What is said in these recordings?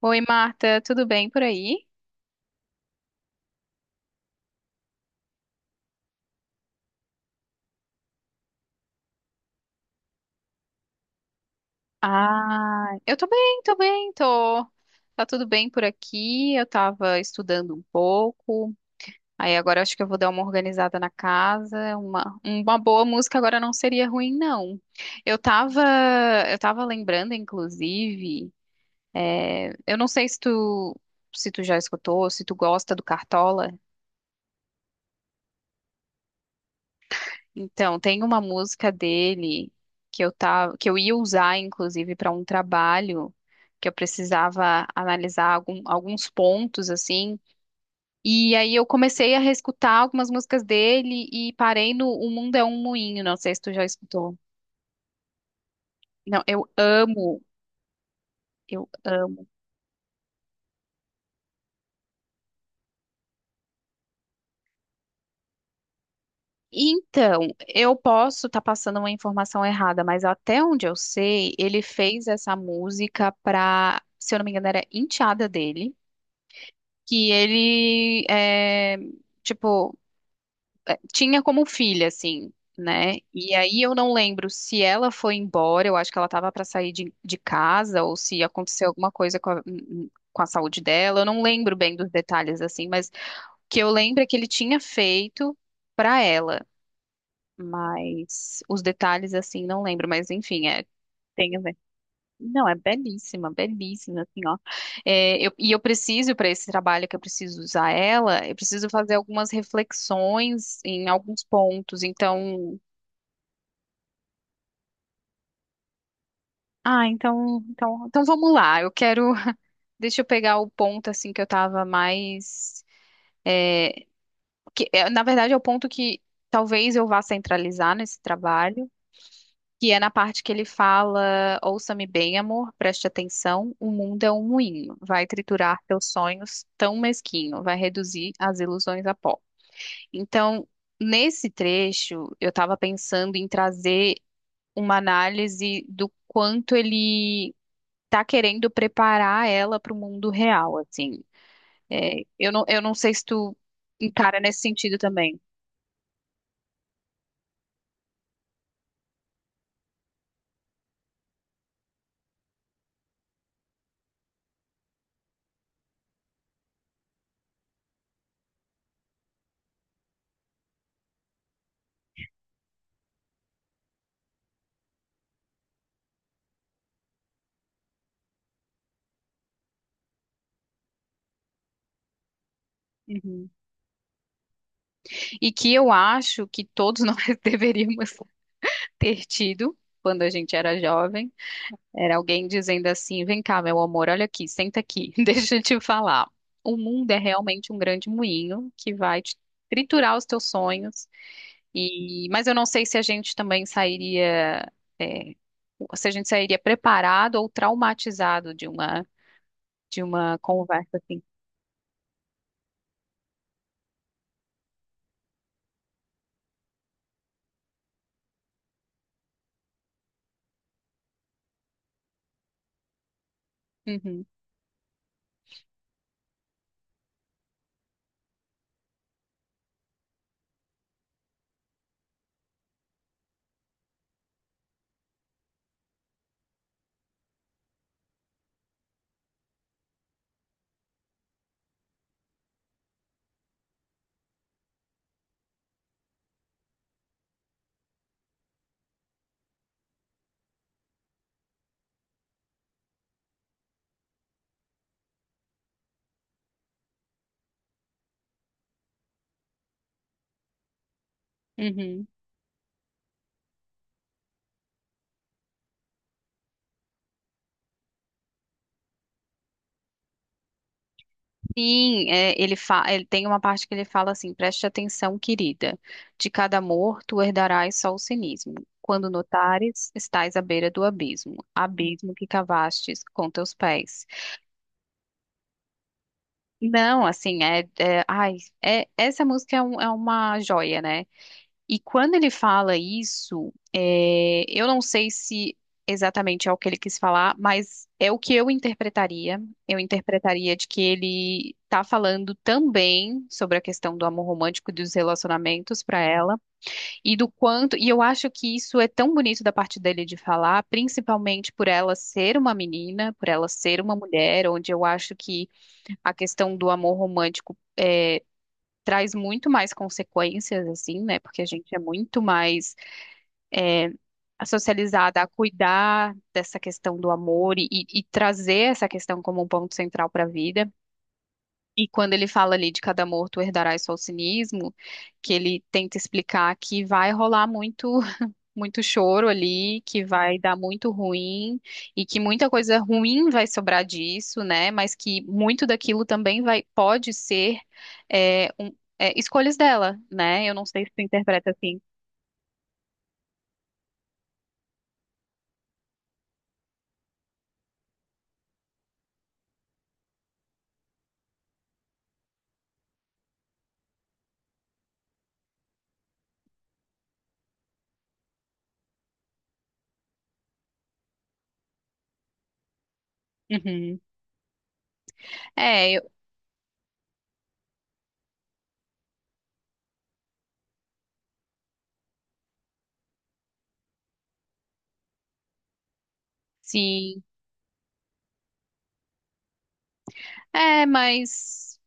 Oi, Marta, tudo bem por aí? Ah, eu tô bem, tô bem, tô. Tá tudo bem por aqui. Eu tava estudando um pouco. Aí agora acho que eu vou dar uma organizada na casa. Uma boa música agora não seria ruim, não. Eu tava, eu tava lembrando, inclusive, eu não sei se tu já escutou, se tu gosta do Cartola. Então, tem uma música dele que eu ia usar, inclusive, para um trabalho que eu precisava analisar alguns pontos assim. E aí eu comecei a reescutar algumas músicas dele e parei no O Mundo é um Moinho. Não sei se tu já escutou. Não, eu amo, eu amo. Então, eu posso estar passando uma informação errada, mas até onde eu sei, ele fez essa música para, se eu não me engano, era enteada dele, que ele tipo tinha como filha assim, né? E aí eu não lembro se ela foi embora, eu acho que ela tava para sair de casa ou se aconteceu alguma coisa com a saúde dela. Eu não lembro bem dos detalhes assim, mas o que eu lembro é que ele tinha feito para ela, mas os detalhes assim não lembro, mas enfim, tem não, é belíssima, belíssima, assim, ó. É, e eu preciso, para esse trabalho que eu preciso usar ela, eu preciso fazer algumas reflexões em alguns pontos. Ah, então, vamos lá. Eu quero, deixa eu pegar o ponto, assim, que eu tava mais, na verdade, é o ponto que talvez eu vá centralizar nesse trabalho, que é na parte que ele fala: Ouça-me bem, amor, preste atenção. O mundo é um moinho, vai triturar teus sonhos tão mesquinho, vai reduzir as ilusões a pó. Então, nesse trecho, eu estava pensando em trazer uma análise do quanto ele está querendo preparar ela para o mundo real, assim. É, eu não sei se tu encara nesse sentido também. Uhum. E que eu acho que todos nós deveríamos ter tido quando a gente era jovem, era alguém dizendo assim: vem cá, meu amor, olha aqui, senta aqui, deixa eu te falar. O mundo é realmente um grande moinho que vai te triturar os teus sonhos. E, mas eu não sei se a gente também sairia, é, se a gente sairia preparado ou traumatizado de uma conversa assim. Uhum, uhum. Sim, ele tem uma parte que ele fala assim: preste atenção, querida, de cada amor tu herdarás só o cinismo. Quando notares, estás à beira do abismo, abismo que cavastes com teus pés. Não, assim, ai, essa música é uma joia, né? E quando ele fala isso, eu não sei se exatamente é o que ele quis falar, mas é o que eu interpretaria. Eu interpretaria de que ele está falando também sobre a questão do amor romântico e dos relacionamentos para ela, e do quanto. E eu acho que isso é tão bonito da parte dele de falar, principalmente por ela ser uma menina, por ela ser uma mulher, onde eu acho que a questão do amor romântico, traz muito mais consequências, assim, né? Porque a gente é muito mais socializada a cuidar dessa questão do amor e trazer essa questão como um ponto central para a vida. E quando ele fala ali de cada amor tu herdarás só o cinismo, que ele tenta explicar que vai rolar muito muito choro ali, que vai dar muito ruim e que muita coisa ruim vai sobrar disso, né? Mas que muito daquilo também vai pode ser escolhas dela, né? Eu não sei se tu interpreta assim. Uhum. É, sim. É, mas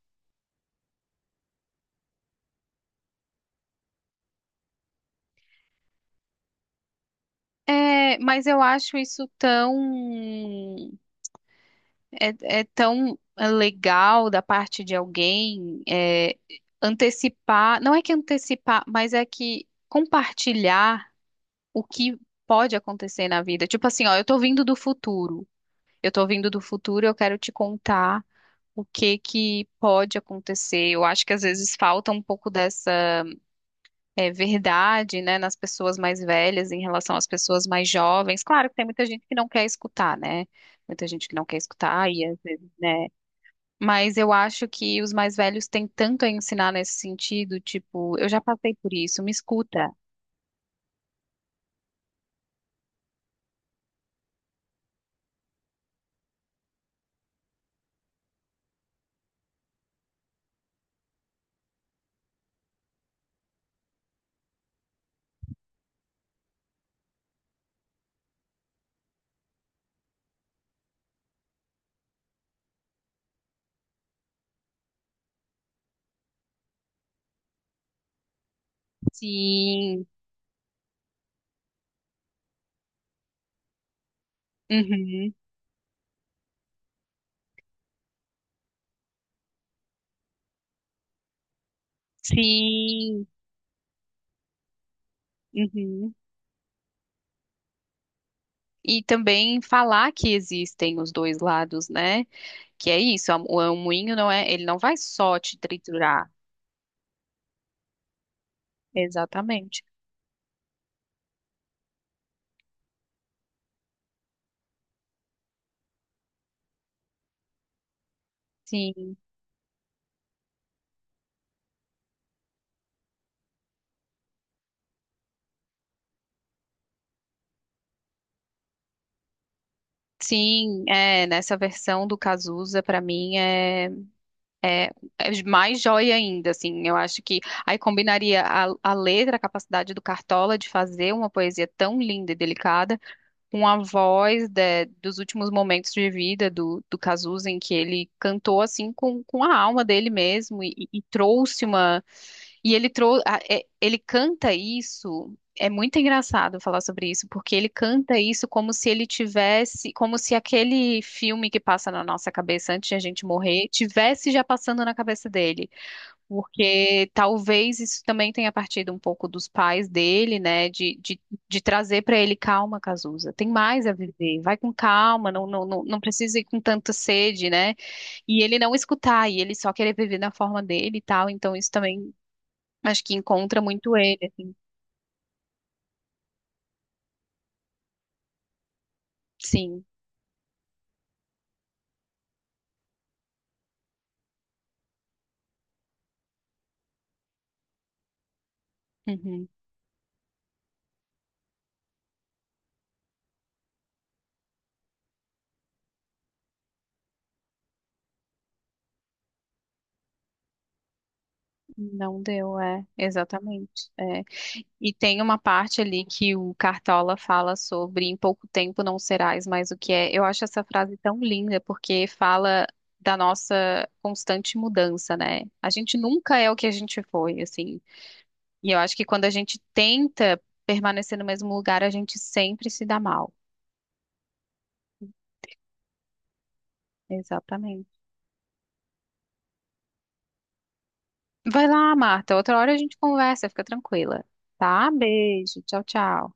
é, mas eu acho isso tão é tão legal da parte de alguém, antecipar, não é que antecipar, mas é que compartilhar o que pode acontecer na vida. Tipo assim, ó, eu tô vindo do futuro. Eu tô vindo do futuro, eu quero te contar o que que pode acontecer. Eu acho que às vezes falta um pouco dessa verdade, né, nas pessoas mais velhas em relação às pessoas mais jovens. Claro que tem muita gente que não quer escutar, né? Muita gente que não quer escutar e às vezes, né? Mas eu acho que os mais velhos têm tanto a ensinar nesse sentido, tipo, eu já passei por isso, me escuta. Sim. Uhum. Sim, uhum. E também falar que existem os dois lados, né? Que é isso, o moinho não é, ele não vai só te triturar. Exatamente. Sim, sim, nessa versão do Cazuza, pra mim, é, é mais joia ainda, assim, eu acho que aí combinaria a letra, a capacidade do Cartola de fazer uma poesia tão linda e delicada, com a voz dos últimos momentos de vida do Cazuza, em que ele cantou assim com a alma dele mesmo e trouxe uma. E ele trouxe. Ele canta isso. É muito engraçado falar sobre isso, porque ele canta isso como se ele tivesse, como se aquele filme que passa na nossa cabeça antes de a gente morrer, tivesse já passando na cabeça dele. Porque talvez isso também tenha partido um pouco dos pais dele, né? De trazer para ele calma, Cazuza. Tem mais a viver. Vai com calma, não, não, não, não precisa ir com tanta sede, né? E ele não escutar, e ele só querer viver na forma dele e tal. Então isso também acho que encontra muito ele, assim. Sim. Uhum. Não deu, é, exatamente. É. E tem uma parte ali que o Cartola fala sobre em pouco tempo não serás mais o que é. Eu acho essa frase tão linda porque fala da nossa constante mudança, né? A gente nunca é o que a gente foi, assim. E eu acho que quando a gente tenta permanecer no mesmo lugar, a gente sempre se dá mal. Exatamente. Vai lá, Marta, outra hora a gente conversa, fica tranquila. Tá? Beijo, tchau, tchau.